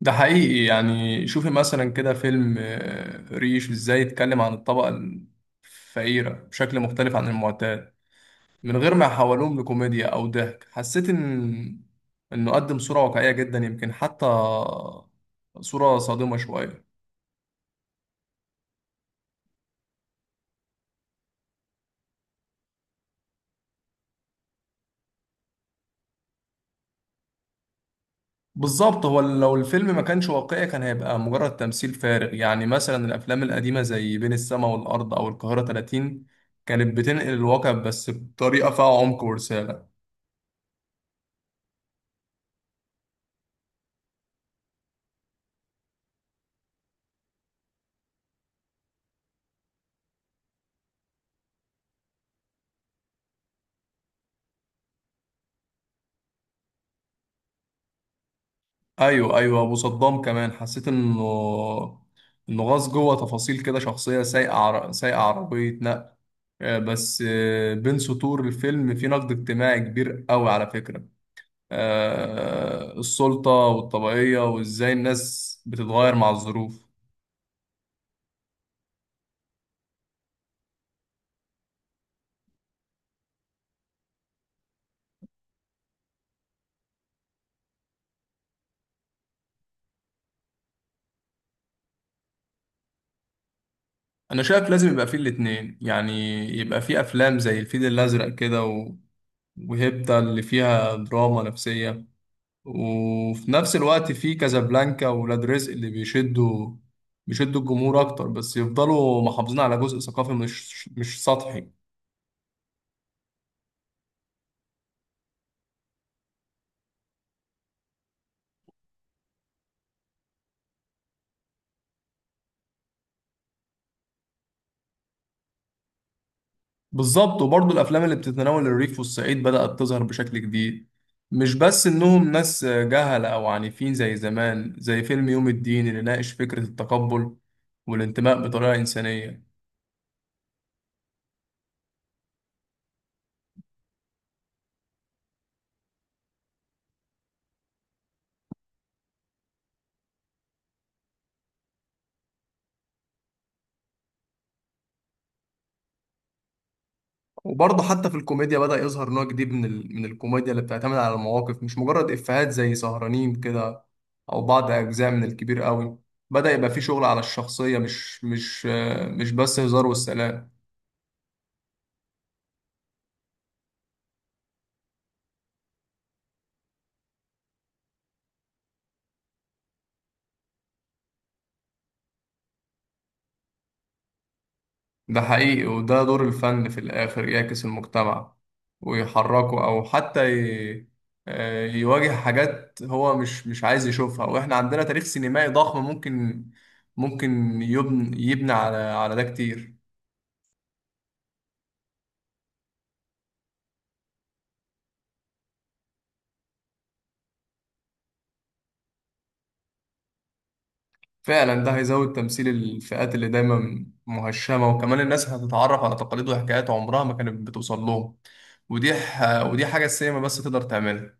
ده حقيقي يعني، شوفي مثلا كده فيلم ريش، ازاي يتكلم عن الطبقة الفقيرة بشكل مختلف عن المعتاد، من غير ما يحولوهم لكوميديا أو ضحك. حسيت إنه قدم صورة واقعية جدا، يمكن حتى صورة صادمة شوية. بالظبط، هو لو الفيلم ما كانش واقعي كان هيبقى مجرد تمثيل فارغ. يعني مثلا الأفلام القديمة زي بين السماء والأرض أو القاهرة 30 كانت بتنقل الواقع، بس بطريقة فيها عمق ورسالة. ايوه ايوه، ابو صدام كمان حسيت انه غاص جوه تفاصيل كده، شخصيه سايقه عربيه نقل. بس بين سطور الفيلم في نقد اجتماعي كبير قوي على فكره. السلطه والطبيعيه وازاي الناس بتتغير مع الظروف. انا شايف لازم يبقى فيه الاتنين، يعني يبقى فيه افلام زي الفيل الازرق كده وهيبتا اللي فيها دراما نفسيه، وفي نفس الوقت في كازابلانكا وولاد رزق اللي بيشدوا الجمهور اكتر، بس يفضلوا محافظين على جزء ثقافي مش سطحي. بالظبط. وبرضه الافلام اللي بتتناول الريف والصعيد بدأت تظهر بشكل جديد، مش بس انهم ناس جهلة او عنيفين زي زمان، زي فيلم يوم الدين اللي ناقش فكرة التقبل والانتماء بطريقة إنسانية. وبرضه حتى في الكوميديا بدأ يظهر نوع جديد من من الكوميديا اللي بتعتمد على المواقف، مش مجرد إفيهات، زي سهرانين كده، أو بعض أجزاء من الكبير قوي. بدأ يبقى في شغل على الشخصية، مش بس هزار والسلام. ده حقيقي، وده دور الفن في الآخر، يعكس المجتمع ويحركه، أو حتى ي... آه، يواجه حاجات هو مش عايز يشوفها. وإحنا عندنا تاريخ سينمائي ضخم ممكن يبني على ده كتير. فعلا، ده هيزود تمثيل الفئات اللي دايما مهشمة، وكمان الناس هتتعرف على تقاليد وحكايات عمرها ما كانت بتوصل لهم. ودي حاجة السينما بس تقدر تعملها.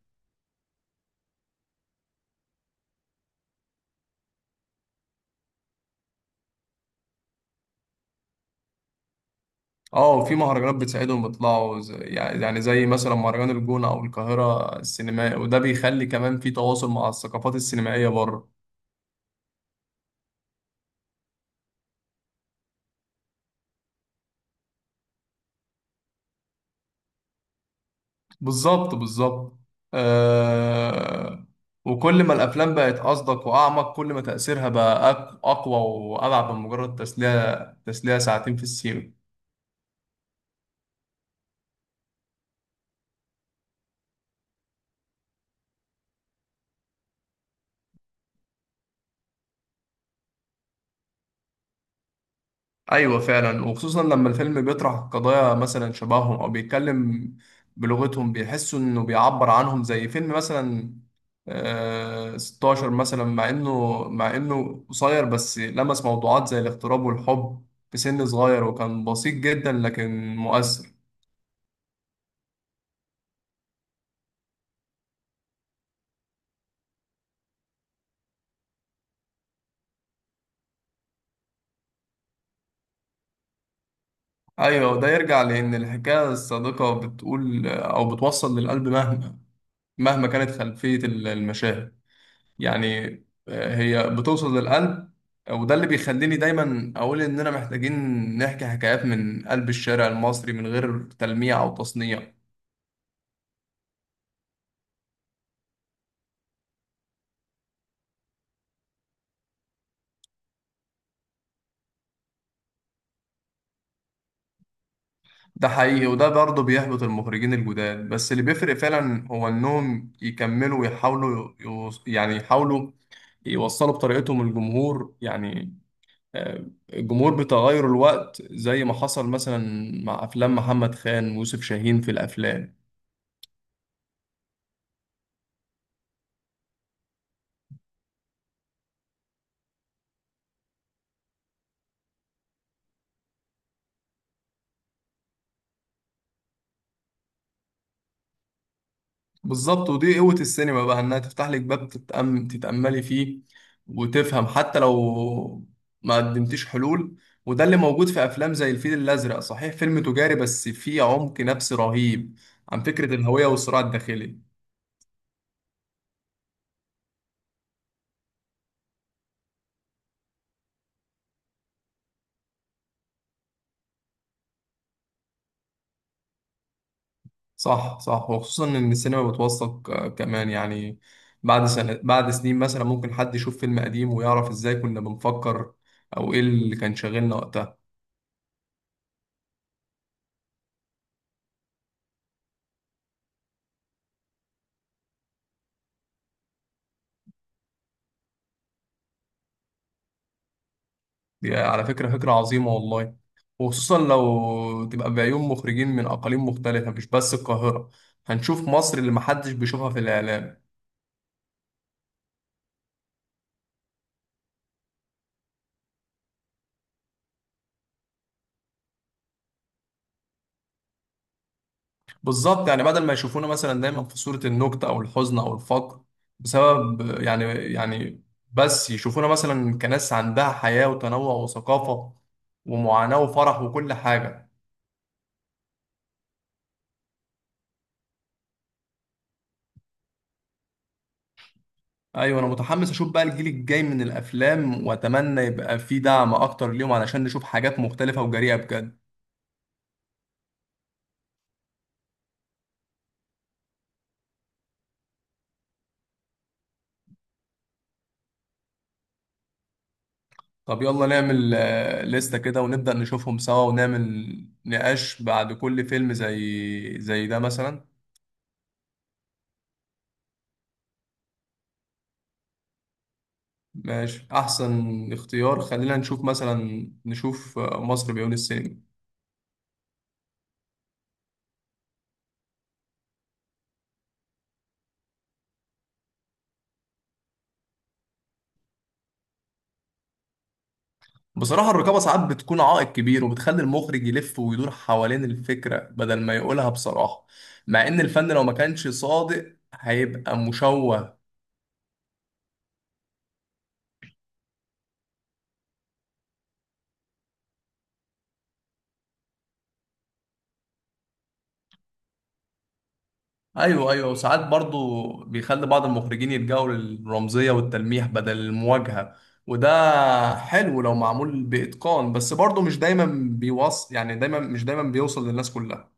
اه، في مهرجانات بتساعدهم يطلعوا، يعني زي مثلا مهرجان الجونة أو القاهرة السينمائي، وده بيخلي كمان في تواصل مع الثقافات السينمائية بره. بالظبط بالظبط. آه... وكل ما الأفلام بقت أصدق وأعمق، كل ما تأثيرها بقى أقوى وأبعد من مجرد تسلية. ساعتين في السينما. ايوه فعلا، وخصوصا لما الفيلم بيطرح قضايا مثلا شبههم، او بيتكلم بلغتهم، بيحسوا انه بيعبر عنهم. زي فيلم مثلا آه 16 مثلا، مع انه قصير بس لمس موضوعات زي الاغتراب والحب في سن صغير، وكان بسيط جدا لكن مؤثر. ايوه، وده يرجع لان الحكايه الصادقه بتقول او بتوصل للقلب، مهما كانت خلفيه المشاهد. يعني هي بتوصل للقلب. وده اللي بيخليني دايما اقول اننا محتاجين نحكي حكايات من قلب الشارع المصري من غير تلميع او تصنيع. ده حقيقي، وده برضه بيحبط المخرجين الجداد، بس اللي بيفرق فعلا هو انهم يكملوا ويحاولوا يعني يحاولوا يوصلوا بطريقتهم للجمهور. آه، الجمهور بتغير الوقت، زي ما حصل مثلا مع افلام محمد خان ويوسف شاهين في الافلام. بالظبط، ودي قوة السينما بقى، انها تفتح لك باب تتأملي فيه وتفهم حتى لو ما قدمتيش حلول. وده اللي موجود في افلام زي الفيل الازرق، صحيح فيلم تجاري بس فيه عمق نفسي رهيب عن فكرة الهوية والصراع الداخلي. صح صح، وخصوصا ان السينما بتوثق كمان. يعني بعد سنة، بعد سنين مثلا، ممكن حد يشوف فيلم قديم ويعرف ازاي كنا بنفكر، او ايه اللي كان شاغلنا وقتها. دي على فكرة فكرة عظيمة والله، وخصوصا لو تبقى بعيون مخرجين من أقاليم مختلفة، مش بس القاهرة. هنشوف مصر اللي محدش بيشوفها في الإعلام. بالظبط. يعني بدل ما يشوفونا مثلا دايما في صورة النكتة أو الحزن أو الفقر بسبب يعني، بس يشوفونا مثلا كناس عندها حياة وتنوع وثقافة ومعاناة وفرح وكل حاجة. أيوة، أنا متحمس أشوف بقى الجيل الجاي من الأفلام، وأتمنى يبقى فيه دعم أكتر ليهم علشان نشوف حاجات مختلفة وجريئة بجد. طب يلا نعمل لستة كده، ونبدأ نشوفهم سوا، ونعمل نقاش بعد كل فيلم زي ده مثلا. ماشي، أحسن اختيار. خلينا نشوف مثلا، نشوف مصر بعيون السينما. بصراحة الرقابة ساعات بتكون عائق كبير، وبتخلي المخرج يلف ويدور حوالين الفكرة بدل ما يقولها بصراحة، مع إن الفن لو ما كانش صادق هيبقى مشوه. ايوه ايوه، وساعات برضو بيخلي بعض المخرجين يلجأوا للرمزيه والتلميح بدل المواجهه. وده حلو لو معمول باتقان، بس برضو مش دايما بيوصل يعني دايما مش دايما بيوصل للناس كلها.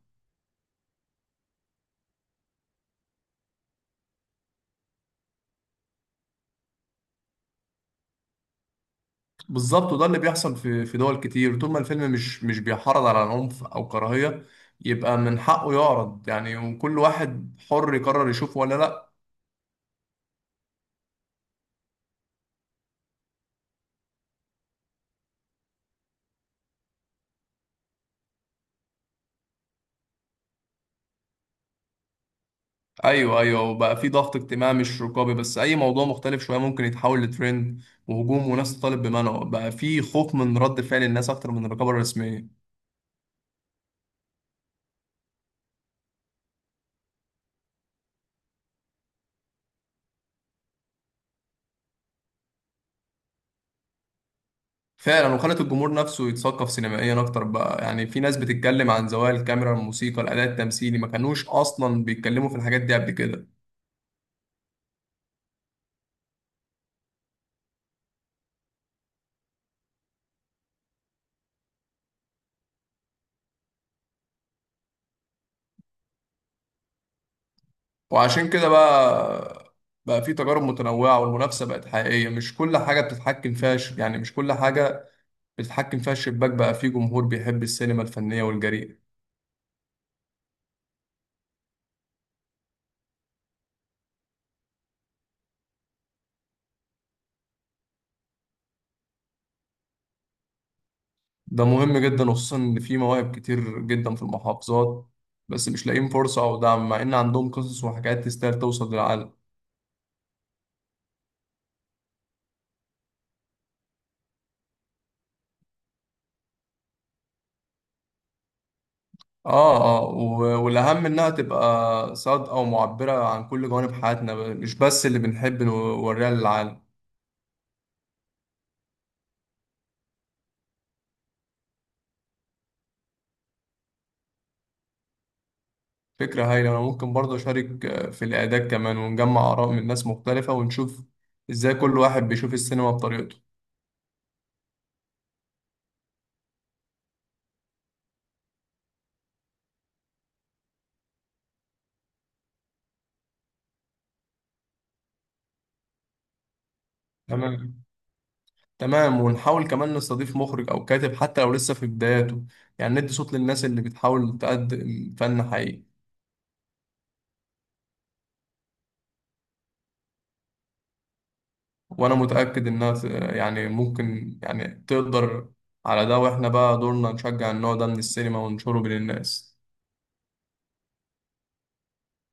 بالظبط، وده اللي بيحصل في دول كتير، طول ما الفيلم مش بيحرض على عنف او كراهيه، يبقى من حقه يعرض، يعني وكل واحد حر يقرر يشوفه ولا لا. ايوه ايوه، وبقى في ضغط اجتماعي مش رقابي بس. اي موضوع مختلف شويه ممكن يتحول لترند وهجوم، وناس تطالب بمنعه. بقى في خوف من رد فعل الناس اكتر من الرقابه الرسميه. فعلا، وخلت الجمهور نفسه يتثقف سينمائيا اكتر. بقى يعني في ناس بتتكلم عن زوايا الكاميرا، الموسيقى، الاداء التمثيلي، ما كانوش اصلا بيتكلموا في الحاجات دي قبل كده. وعشان كده بقى في تجارب متنوعه، والمنافسه بقت حقيقيه، مش كل حاجه بتتحكم فيها يعني مش كل حاجه بتتحكم فيها الشباك. بقى في جمهور بيحب السينما الفنيه والجريئه. ده مهم جدا، وخصوصا ان في مواهب كتير جدا في المحافظات بس مش لاقيين فرصة او دعم، مع ان عندهم قصص وحكايات تستاهل توصل للعالم. اه اه، والاهم انها تبقى صادقة ومعبرة عن كل جوانب حياتنا، مش بس اللي بنحب نوريها للعالم. فكرة هايلة، انا ممكن برضه اشارك في الاعداد كمان، ونجمع اراء من ناس مختلفة ونشوف ازاي كل واحد بيشوف السينما بطريقته. تمام تمام، ونحاول كمان نستضيف مخرج او كاتب حتى لو لسه في بداياته، يعني ندي صوت للناس اللي بتحاول تقدم فن حقيقي. وانا متأكد انها ممكن يعني تقدر على ده. واحنا بقى دورنا نشجع النوع ده من السينما وننشره بين الناس.